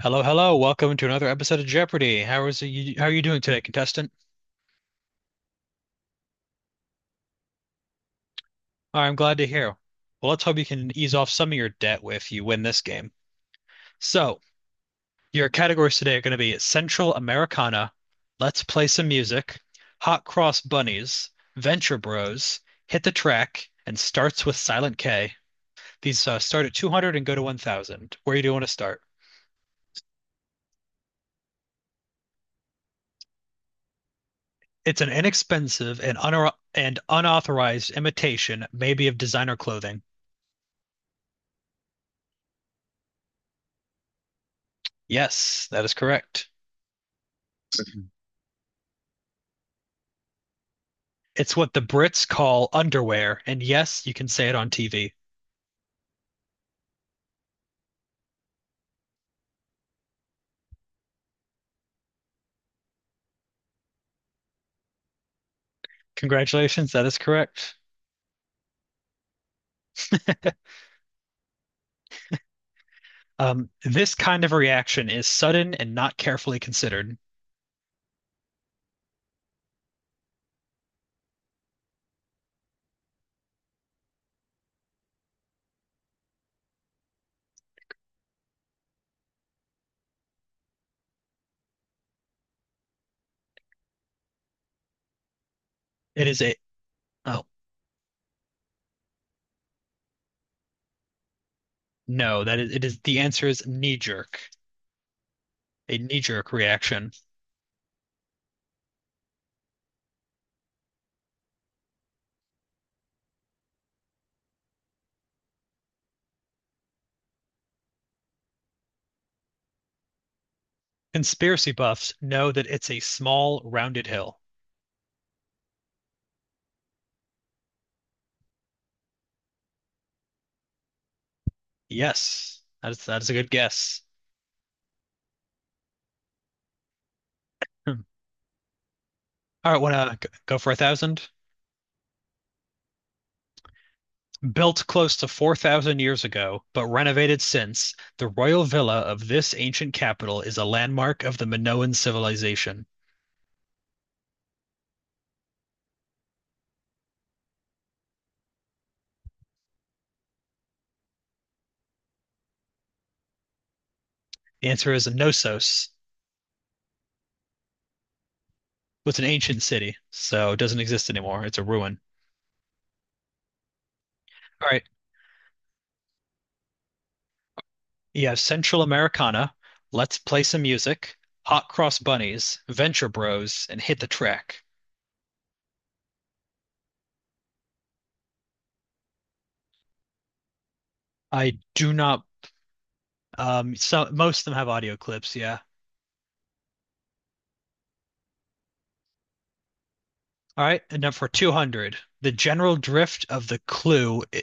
Hello, hello. Welcome to another episode of Jeopardy. How are you doing today, contestant? All right, I'm glad to hear. Well, let's hope you can ease off some of your debt if you win this game. So, your categories today are going to be Central Americana, Let's Play Some Music, Hot Cross Bunnies, Venture Bros, Hit the Track, and Starts with Silent K. These start at 200 and go to 1000. Where do you want to start? It's an inexpensive and unauthorized imitation, maybe of designer clothing. Yes, that is correct. It's what the Brits call underwear, and yes, you can say it on TV. Congratulations, that is correct. This kind of reaction is sudden and not carefully considered. It is a, oh, No, it is, the answer is knee jerk, a knee jerk reaction. Conspiracy buffs know that it's a small, rounded hill. Yes, that is a good guess. Hmm. All right, want to go for a thousand? Built close to 4,000 years ago, but renovated since, the royal villa of this ancient capital is a landmark of the Minoan civilization. The answer is Knossos. It's an ancient city, so it doesn't exist anymore. It's a ruin. All right. You have Central Americana, Let's Play Some Music, Hot Cross Bunnies, Venture Bros, and Hit the Track. I do not, so most of them have audio clips, yeah. All right, and now for 200.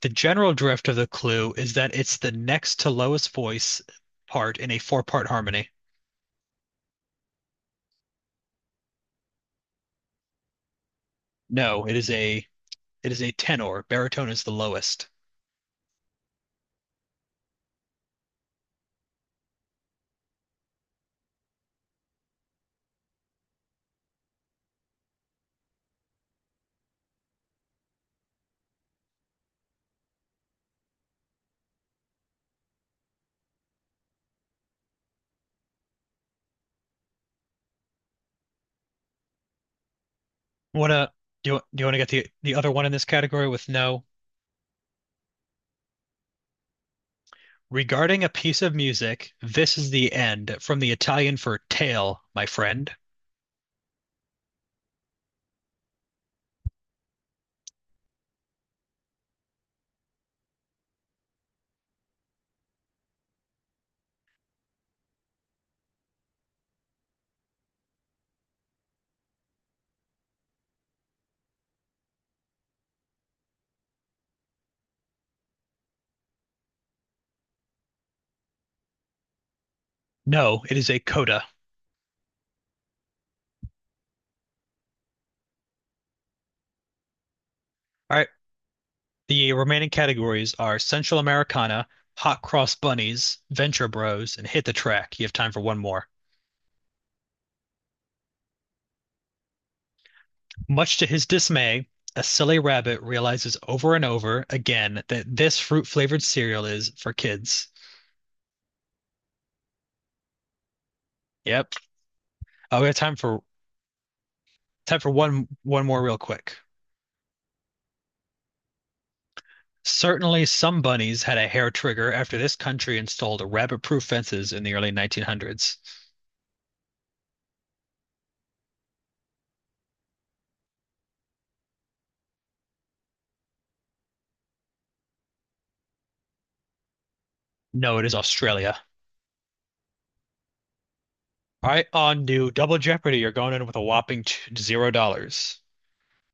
The general drift of the clue is that it's the next to lowest voice part in a four-part harmony. No, it is a tenor. Baritone is the lowest. Wanna do you wanna get the other one in this category with no? Regarding a piece of music, this is the end from the Italian for tail, my friend. No, it is a coda. All right, the remaining categories are Central Americana, Hot Cross Bunnies, Venture Bros, and Hit the Track. You have time for one more. Much to his dismay, a silly rabbit realizes over and over again that this fruit-flavored cereal is for kids. Yep. Oh, we have time for one more real quick. Certainly some bunnies had a hair trigger after this country installed rabbit-proof fences in the early 1900s. No, it is Australia. All right, on to Double Jeopardy. You're going in with a whopping $0.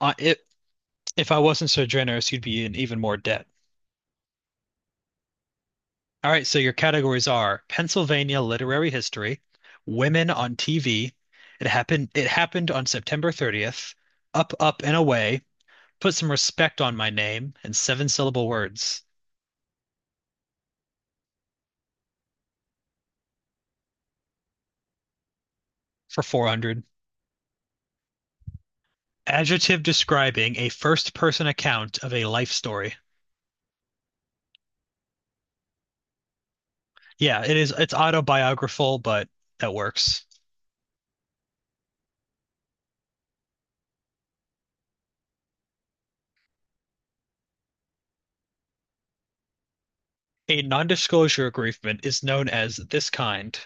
Uh, if if I wasn't so generous, you'd be in even more debt. All right, so your categories are Pennsylvania literary history, women on TV, it happened on September 30th, up up and away, put some respect on my name and seven syllable words for 400. Adjective describing a first person account of a life story. Yeah, it's autobiographical, but that works. A non-disclosure agreement is known as this kind.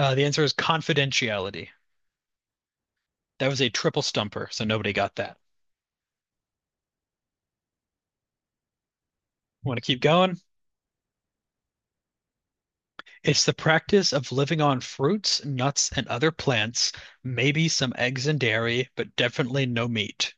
The answer is confidentiality. That was a triple stumper, so nobody got that. Want to keep going? It's the practice of living on fruits, nuts, and other plants, maybe some eggs and dairy, but definitely no meat.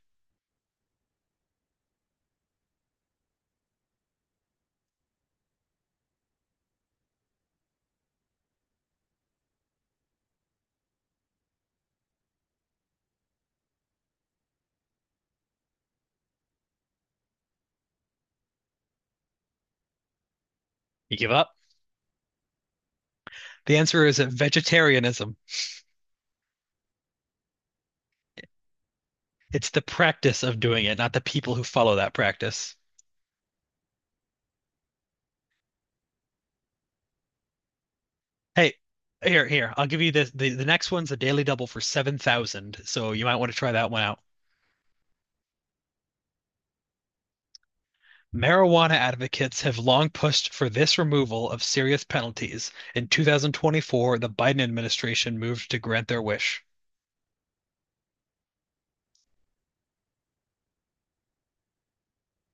You give up? The answer is vegetarianism. It's the practice of doing it, not the people who follow that practice. Hey, here, here, I'll give you this. The next one's a daily double for 7,000, so you might want to try that one out. Marijuana advocates have long pushed for this removal of serious penalties. In 2024, the Biden administration moved to grant their wish.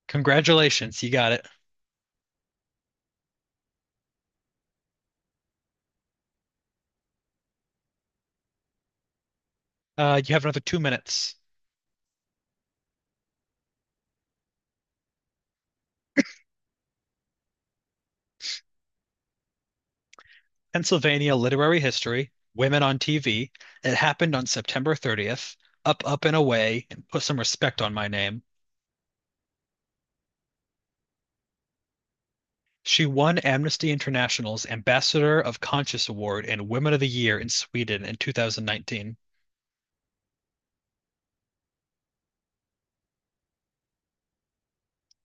Congratulations, you got it. You have another 2 minutes. Pennsylvania literary history, women on TV. It happened on September 30th. Up, up, and away, and put some respect on my name. She won Amnesty International's Ambassador of Conscience Award and Women of the Year in Sweden in 2019.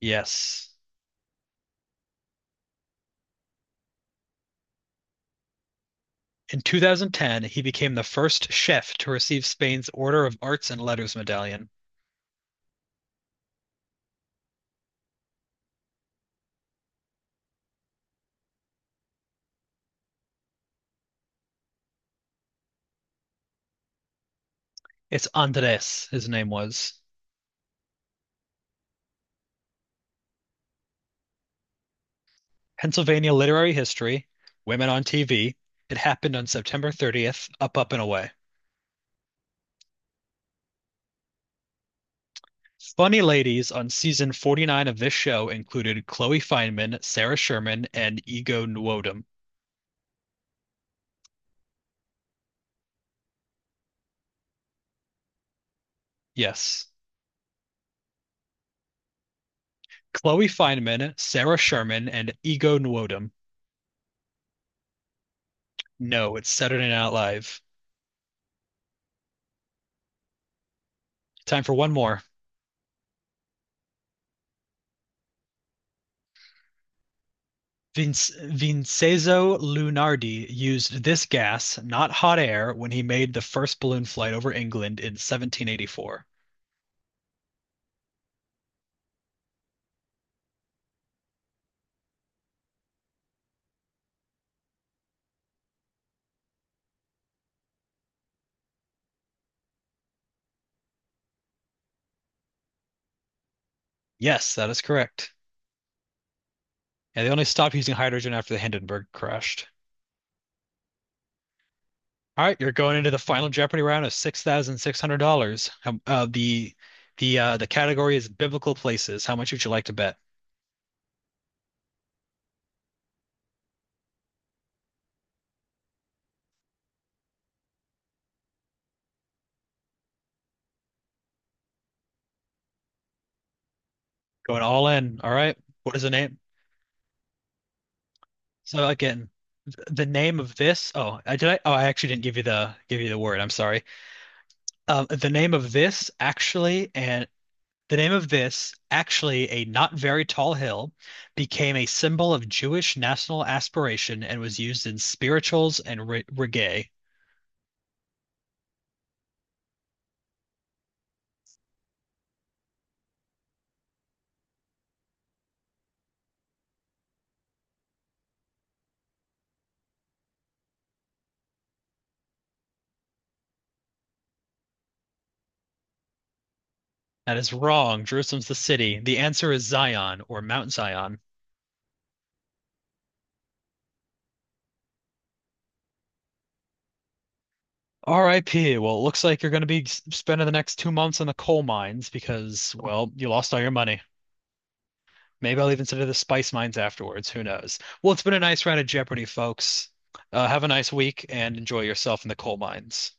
Yes. In 2010, he became the first chef to receive Spain's Order of Arts and Letters medallion. It's Andres, his name was. Pennsylvania Literary History, Women on TV. It happened on September 30th, Up, Up, and Away. Funny ladies on season 49 of this show included Chloe Fineman, Sarah Sherman, and Ego Nwodim. Yes. Chloe Fineman, Sarah Sherman, and Ego Nwodim. No, it's Saturday Night Live. Time for one more. Vincenzo Lunardi used this gas, not hot air, when he made the first balloon flight over England in 1784. Yes, that is correct. Yeah, they only stopped using hydrogen after the Hindenburg crashed. All right, you're going into the final Jeopardy round of $6,600. The category is biblical places. How much would you like to bet? Going all in. All right. What is the name? So again, the name of this. Oh, I did I. Oh, I actually didn't give you the word. I'm sorry. Um, the name of this actually and The name of this, actually a not very tall hill, became a symbol of Jewish national aspiration and was used in spirituals and re reggae. That is wrong. Jerusalem's the city. The answer is Zion or Mount Zion. RIP. Well, it looks like you're going to be spending the next 2 months in the coal mines because, well, you lost all your money. Maybe I'll even consider the spice mines afterwards. Who knows? Well, it's been a nice round of Jeopardy, folks. Have a nice week and enjoy yourself in the coal mines.